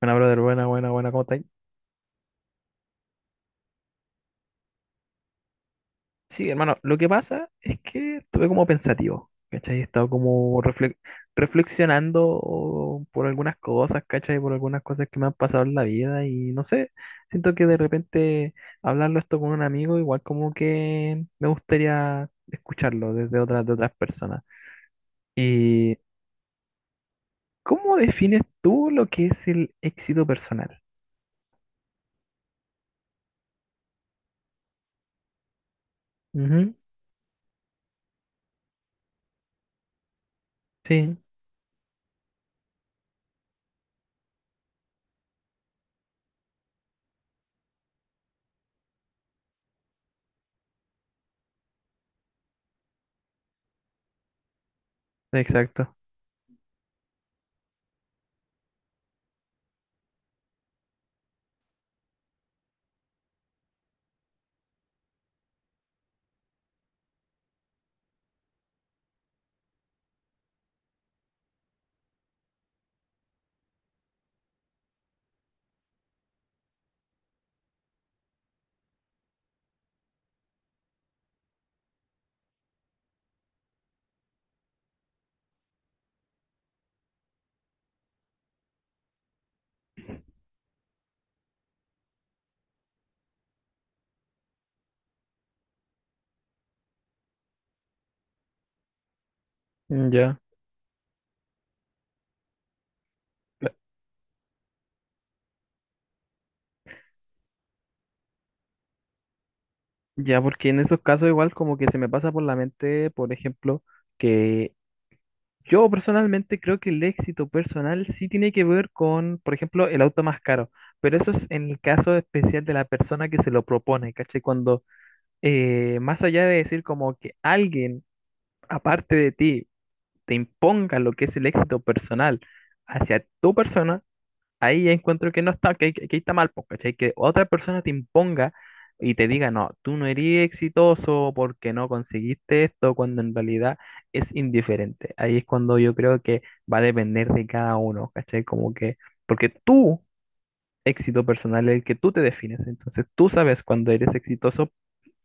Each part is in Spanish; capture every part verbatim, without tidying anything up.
Buena, brother, buena, buena, buena, ¿cómo estáis? Sí, hermano, lo que pasa es que estuve como pensativo, ¿cachai? He estado como refle- reflexionando por algunas cosas, ¿cachai? Por algunas cosas que me han pasado en la vida y no sé, siento que de repente hablarlo esto con un amigo, igual como que me gustaría escucharlo desde otras, de otras personas. ¿Y cómo defines tú lo que es el éxito personal? Ujú. Sí, exacto. Ya. Ya, porque en esos casos igual como que se me pasa por la mente, por ejemplo, que yo personalmente creo que el éxito personal sí tiene que ver con, por ejemplo, el auto más caro, pero eso es en el caso especial de la persona que se lo propone, ¿cachai? Cuando eh, más allá de decir como que alguien aparte de ti te imponga lo que es el éxito personal hacia tu persona, ahí ya encuentro que no está, que, que- que está mal, po, ¿cachai? Que otra persona te imponga y te diga, no, tú no eres exitoso porque no conseguiste esto, cuando en realidad es indiferente. Ahí es cuando yo creo que va a depender de cada uno, ¿cachai? Como que, porque tu éxito personal es el que tú te defines, entonces tú sabes cuando eres exitoso,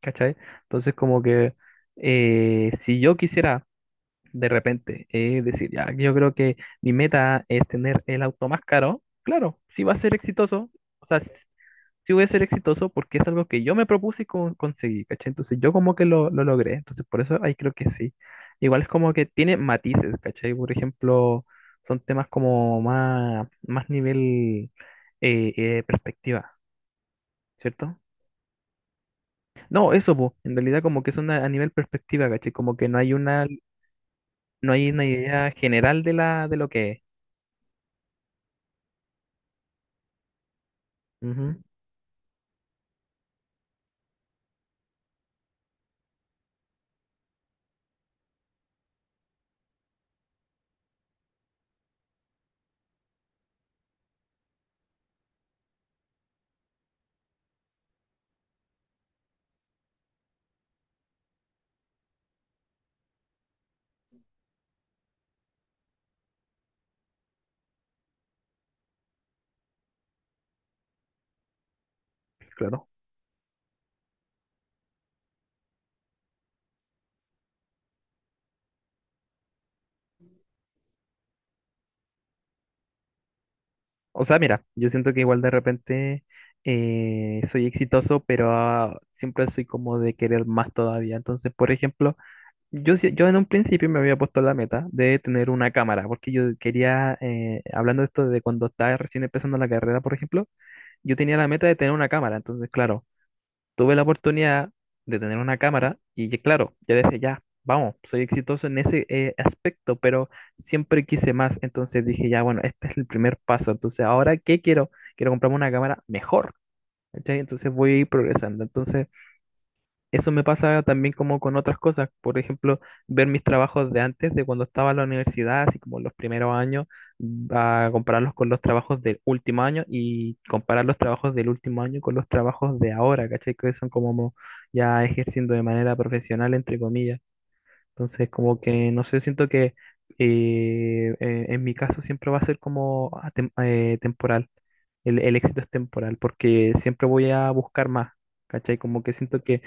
¿cachai? Entonces como que eh, si yo quisiera de repente. Es decir, ya, yo creo que mi meta es tener el auto más caro. Claro, si va a ser exitoso, o sea, si voy a ser exitoso porque es algo que yo me propuse y con- conseguí, ¿cachai? Entonces yo como que lo, lo logré, entonces por eso ahí creo que sí. Igual es como que tiene matices, ¿cachai? Por ejemplo, son temas como más, más nivel eh, eh, perspectiva, ¿cierto? No, eso, po, en realidad como que es una, a nivel perspectiva, ¿cachai? Como que no hay una, no hay una idea general de la, de lo que es. Ujú, claro. O sea, mira, yo siento que igual de repente eh, soy exitoso, pero ah, siempre soy como de querer más todavía. Entonces, por ejemplo, yo, sí- yo en un principio me había puesto la meta de tener una cámara, porque yo quería, eh, hablando de esto de cuando estaba recién empezando la carrera, por ejemplo, yo tenía la meta de tener una cámara. Entonces, claro, tuve la oportunidad de tener una cámara y que, claro, yo decía, ya, vamos, soy exitoso en ese eh, aspecto, pero siempre quise más, entonces dije, ya, bueno, este es el primer paso, entonces ahora, ¿qué quiero? Quiero comprarme una cámara mejor, ¿cachai? Entonces voy a ir progresando, entonces eso me pasa también como con otras cosas, por ejemplo, ver mis trabajos de antes, de cuando estaba en la universidad, así como los primeros años, a compararlos con los trabajos del último año y comparar los trabajos del último año con los trabajos de ahora, ¿cachai? Que son como mo- ya ejerciendo de manera profesional, entre comillas. Entonces, como que, no sé, siento que eh, eh, en mi caso siempre va a ser como atem- eh, temporal, el, el éxito es temporal, porque siempre voy a buscar más, ¿cachai? Como que siento que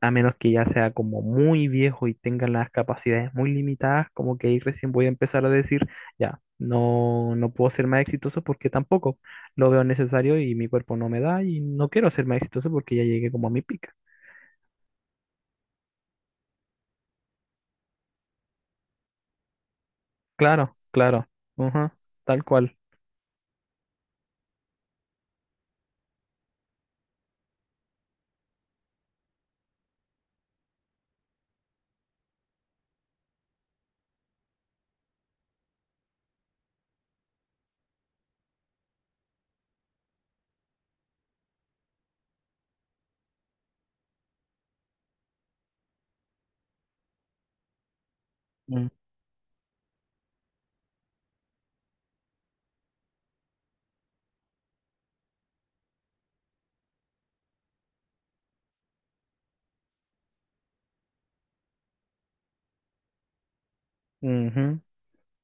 a menos que ya sea como muy viejo y tenga las capacidades muy limitadas, como que ahí recién voy a empezar a decir, ya, no, no puedo ser más exitoso porque tampoco lo veo necesario y mi cuerpo no me da y no quiero ser más exitoso porque ya llegué como a mi pica. Claro, claro, ujú, tal cual. Mm. Ujú.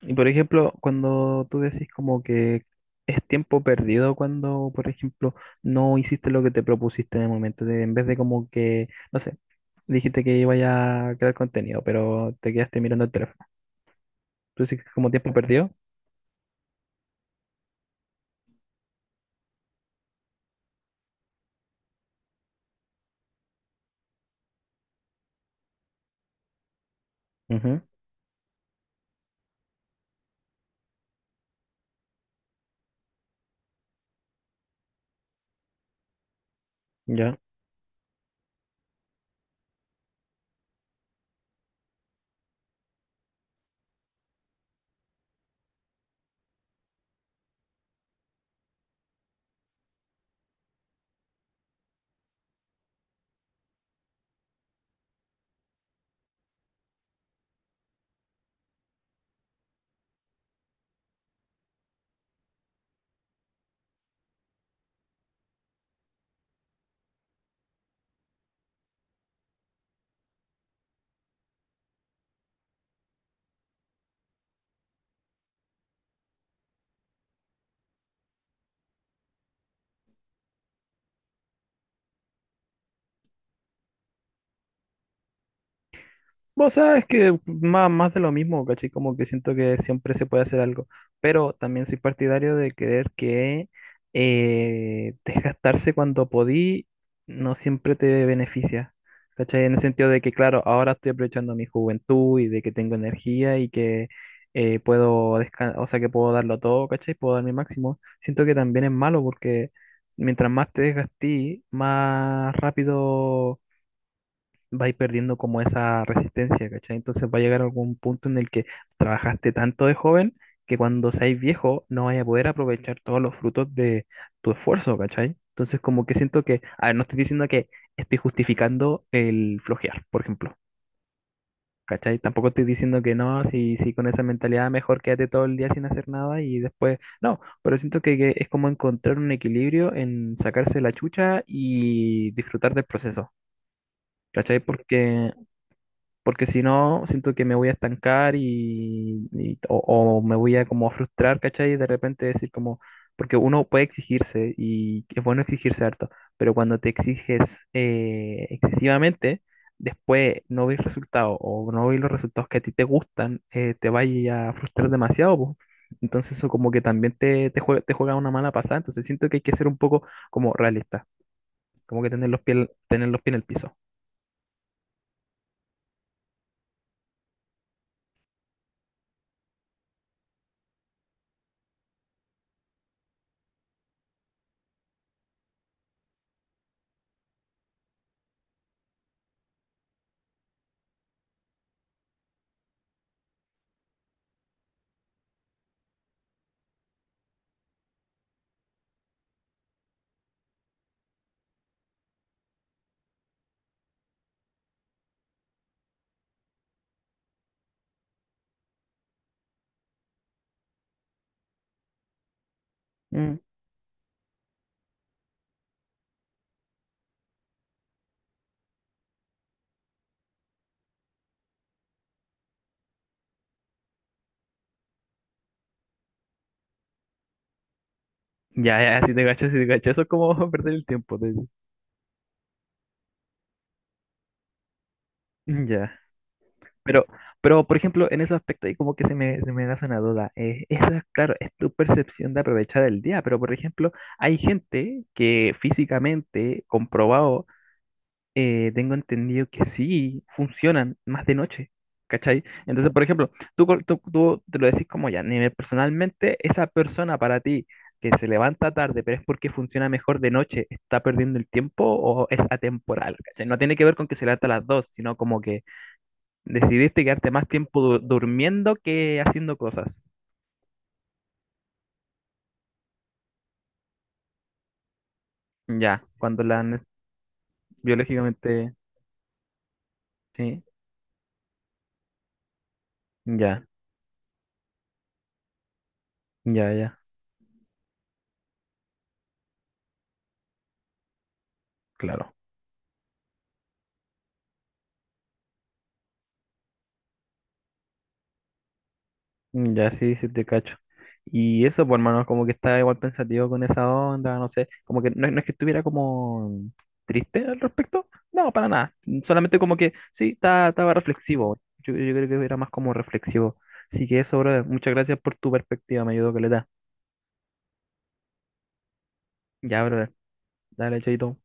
Y por ejemplo, cuando tú decís como que es tiempo perdido cuando, por ejemplo, no hiciste lo que te propusiste en el momento, de- en vez de como que, no sé, dijiste que iba a crear contenido, pero te quedaste mirando el teléfono. Tú dices que es como tiempo perdido. Ujú. Ya. Vos sabes que más, más de lo mismo, ¿cachai? Como que siento que siempre se puede hacer algo, pero también soy partidario de creer que eh, desgastarse cuando podí no siempre te beneficia, ¿cachai? En el sentido de que, claro, ahora estoy aprovechando mi juventud y de que tengo energía y que eh, puedo descansar, o sea, que puedo darlo todo, ¿cachai? Puedo dar mi máximo. Siento que también es malo porque mientras más te desgastí, más rápido va a ir perdiendo como esa resistencia, ¿cachai? Entonces va a llegar algún punto en el que trabajaste tanto de joven que cuando seáis viejo no vais a poder aprovechar todos los frutos de tu esfuerzo, ¿cachai? Entonces como que siento que, a ver, no estoy diciendo que estoy justificando el flojear, por ejemplo, ¿cachai? Tampoco estoy diciendo que no, si, si con esa mentalidad mejor quédate todo el día sin hacer nada y después, no, pero siento que, que es como encontrar un equilibrio en sacarse la chucha y disfrutar del proceso. ¿Cachai? Porque porque si no, siento que me voy a estancar y, y- o, o me voy a como frustrar, ¿cachai? Y de repente decir como, porque uno puede exigirse y es bueno exigirse harto, pero cuando te exiges eh, excesivamente, después no ves resultados o no ves los resultados que a ti te gustan, eh, te vaya a frustrar demasiado, po. Entonces eso como que también te, te juega, te juega una mala pasada, entonces siento que hay que ser un poco como realista, como que tener los pies, tener los pies en el piso. Ya, ya, si te cacho, si te cacho, eso es como perder el tiempo. Te Ya. Pero, pero, por ejemplo, en esos aspectos ahí como que se me, se me nace una duda. Eh, esa, claro, es tu percepción de aprovechar el día, pero, por ejemplo, hay gente que físicamente, comprobado, eh, tengo entendido que sí funcionan más de noche, ¿cachai? Entonces, por ejemplo, tú, col- tú, tú te lo decís como ya, nivel personalmente, esa persona para ti que se levanta tarde, pero es porque funciona mejor de noche, ¿está perdiendo el tiempo o es atemporal? ¿Cachai? No tiene que ver con que se levanta a las dos, sino como que decidiste quedarte más tiempo du- durmiendo que haciendo cosas. Ya, cuando la ne- biológicamente, sí, ya, ya, ya, claro. Mm, Ya sí, sí te cacho. Y eso, pues hermano, como que estaba igual pensativo con esa onda, no sé, como que no, no es que estuviera como triste al respecto, no, para nada, solamente como que sí, ta- estaba reflexivo, yo, yo creo que era más como reflexivo. Así que eso, brother, muchas gracias por tu perspectiva, me ayudó que le da. Ya, brother, dale, chaito.